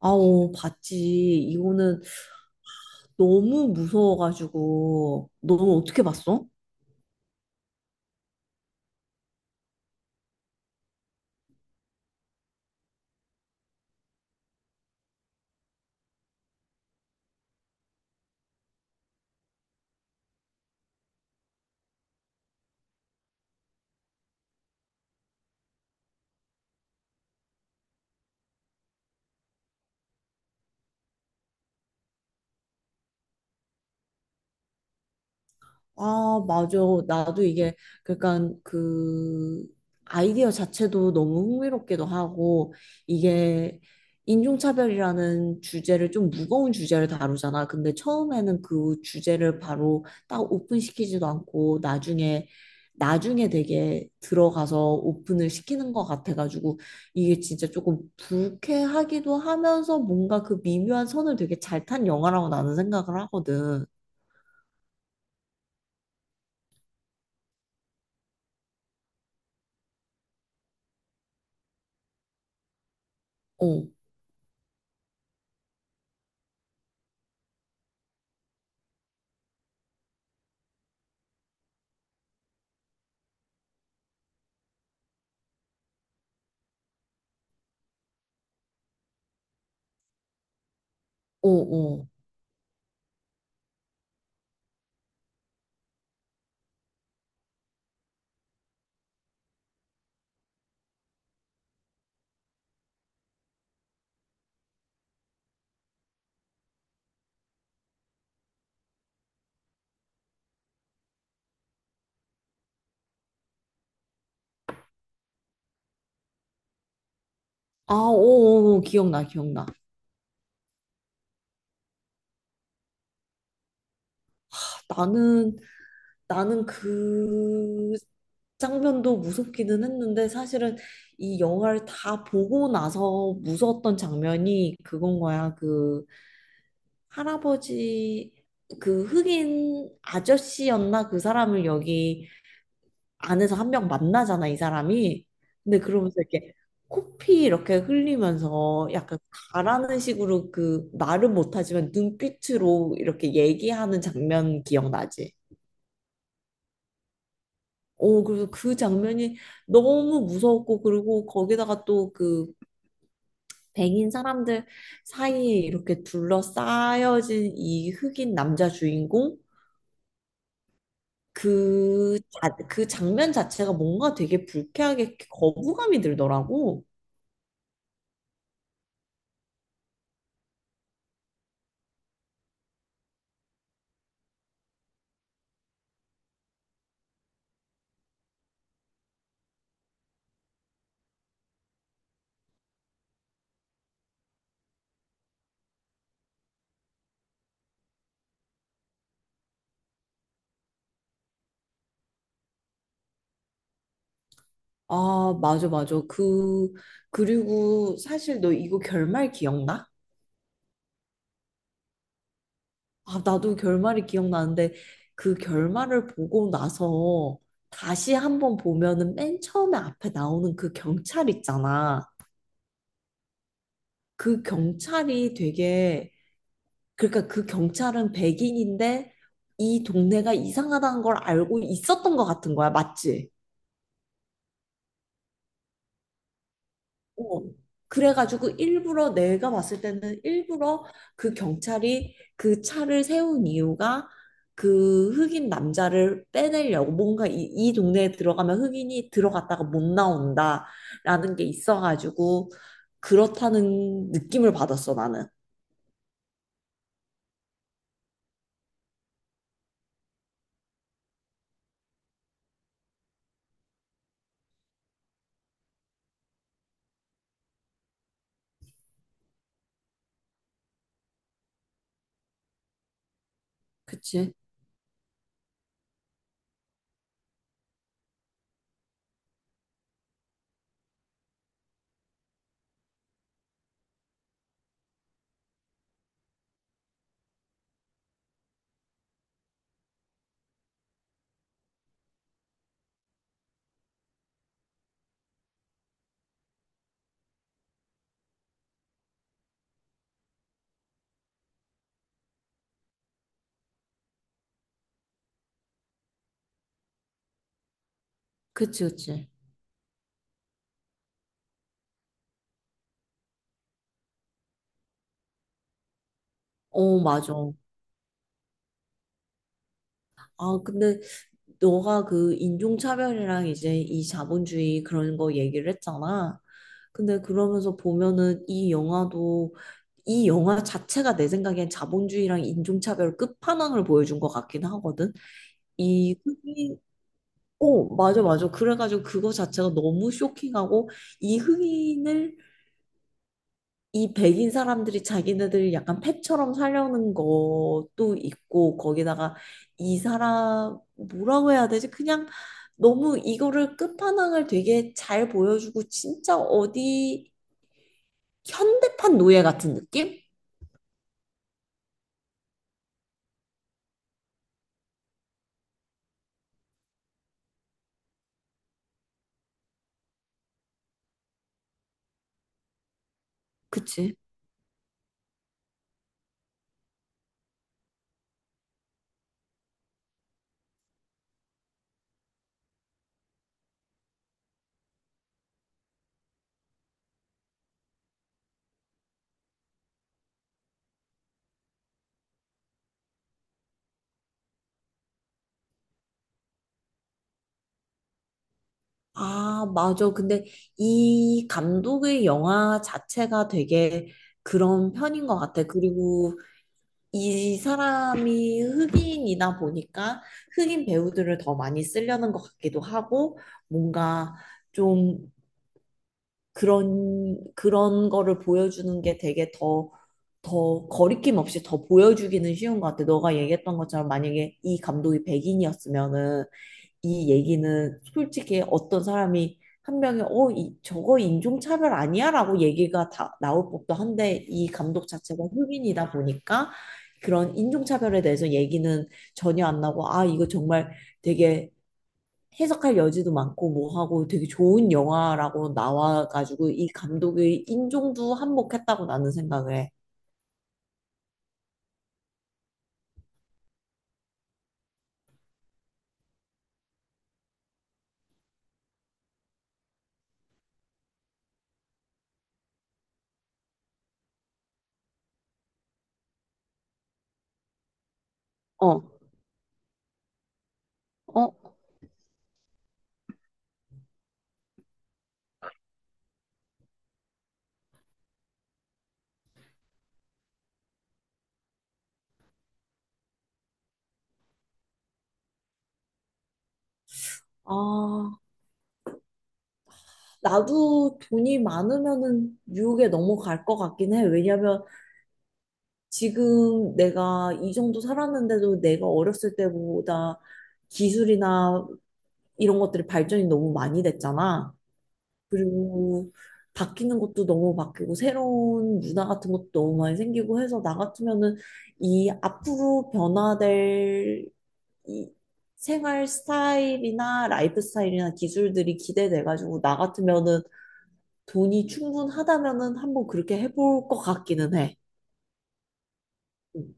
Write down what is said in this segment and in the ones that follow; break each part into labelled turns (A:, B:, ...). A: 아오, 봤지. 이거는 너무 무서워가지고. 너는 어떻게 봤어? 아, 맞아. 나도 이게, 그러니까 아이디어 자체도 너무 흥미롭기도 하고, 이게 인종차별이라는 주제를, 좀 무거운 주제를 다루잖아. 근데 처음에는 그 주제를 바로 딱 오픈시키지도 않고, 나중에 되게 들어가서 오픈을 시키는 것 같아가지고, 이게 진짜 조금 불쾌하기도 하면서 뭔가 그 미묘한 선을 되게 잘 탄 영화라고 나는 생각을 하거든. 어, 어, 어. 아, 오, 오, 오, 기억나, 기억나. 나는, 나는 그 장면도 무섭기는 했는데 사실은 이 영화를 다 보고 나서 무서웠던 장면이 그건 거야. 할아버지, 그 흑인 아저씨였나? 그 사람을 여기 안에서 한 명 만나잖아, 이 사람이. 근데 그러면서 이렇게 코피 이렇게 흘리면서 약간 가라는 식으로, 그 말은 못하지만 눈빛으로 이렇게 얘기하는 장면 기억나지? 오, 그래서 그 장면이 너무 무서웠고, 그리고 거기다가 또 그 백인 사람들 사이에 이렇게 둘러싸여진 이 흑인 남자 주인공? 그 장면 자체가 뭔가 되게 불쾌하게 거부감이 들더라고. 아, 맞아, 맞아. 그리고 사실 너 이거 결말 기억나? 아, 나도 결말이 기억나는데 그 결말을 보고 나서 다시 한번 보면은 맨 처음에 앞에 나오는 그 경찰 있잖아. 그 경찰이 되게, 그러니까 그 경찰은 백인인데 이 동네가 이상하다는 걸 알고 있었던 것 같은 거야. 맞지? 어, 그래가지고 일부러 내가 봤을 때는 일부러 그 경찰이 그 차를 세운 이유가 그 흑인 남자를 빼내려고, 뭔가 이 동네에 들어가면 흑인이 들어갔다가 못 나온다라는 게 있어가지고, 그렇다는 느낌을 받았어 나는. 그치? 그치, 그치. 어, 맞아. 아, 근데 너가 그 인종차별이랑 이제 이 자본주의 그런 거 얘기를 했잖아. 근데 그러면서 보면은 이 영화 자체가 내 생각엔 자본주의랑 인종차별 끝판왕을 보여준 것 같긴 하거든. 이 흑인, 어, 맞아, 맞아. 그래가지고 그거 자체가 너무 쇼킹하고, 이 흑인을, 이 백인 사람들이 자기네들 약간 펫처럼 살려는 것도 있고. 거기다가 이 사람 뭐라고 해야 되지? 그냥 너무 이거를 끝판왕을 되게 잘 보여주고, 진짜 어디 현대판 노예 같은 느낌? 그치? 아, 맞아. 근데 이 감독의 영화 자체가 되게 그런 편인 것 같아. 그리고 이 사람이 흑인이다 보니까 흑인 배우들을 더 많이 쓰려는 것 같기도 하고, 뭔가 좀 그런 거를 보여주는 게 되게 더 거리낌 없이 더 보여주기는 쉬운 것 같아. 너가 얘기했던 것처럼 만약에 이 감독이 백인이었으면은, 이 얘기는 솔직히 어떤 사람이 한 명이 어, 이, 저거 인종차별 아니야? 라고 얘기가 다 나올 법도 한데, 이 감독 자체가 흑인이다 보니까 그런 인종차별에 대해서 얘기는 전혀 안 나고, 아, 이거 정말 되게 해석할 여지도 많고 뭐 하고 되게 좋은 영화라고 나와가지고 이 감독의 인종도 한몫했다고 나는 생각을 해. 어, 어, 아, 나도 돈이 많으면은 뉴욕에 넘어갈 것 같긴 해. 왜냐면 지금 내가 이 정도 살았는데도 내가 어렸을 때보다 기술이나 이런 것들이 발전이 너무 많이 됐잖아. 그리고 바뀌는 것도 너무 바뀌고 새로운 문화 같은 것도 너무 많이 생기고 해서 나 같으면은 이 앞으로 변화될 이 생활 스타일이나 라이프 스타일이나 기술들이 기대돼가지고 나 같으면은 돈이 충분하다면은 한번 그렇게 해볼 것 같기는 해. 응.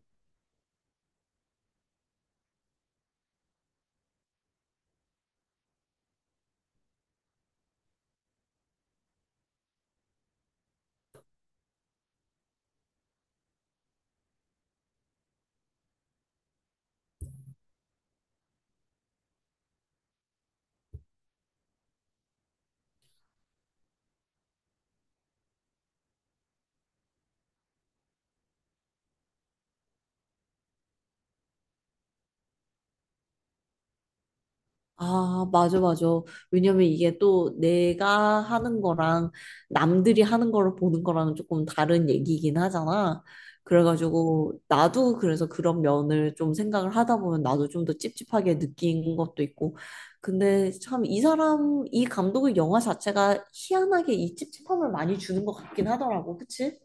A: 아, 맞아, 맞아. 왜냐면 이게 또 내가 하는 거랑 남들이 하는 거를 보는 거랑 조금 다른 얘기이긴 하잖아. 그래가지고 나도 그래서 그런 면을 좀 생각을 하다 보면 나도 좀 더 찝찝하게 느낀 것도 있고. 근데 참 이 사람, 이 감독의 영화 자체가 희한하게 이 찝찝함을 많이 주는 것 같긴 하더라고. 그치?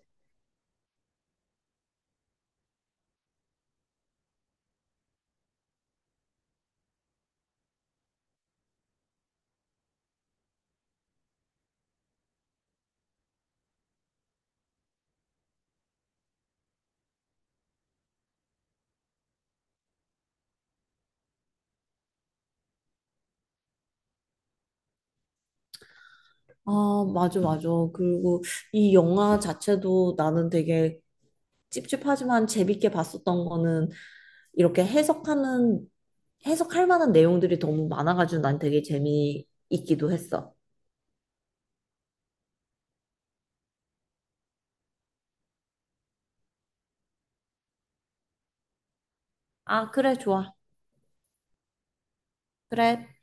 A: 아, 맞아, 맞아. 그리고 이 영화 자체도 나는 되게 찝찝하지만 재밌게 봤었던 거는 이렇게 해석하는, 해석할 만한 내용들이 너무 많아가지고 난 되게 재미있기도 했어. 아, 그래, 좋아. 그래.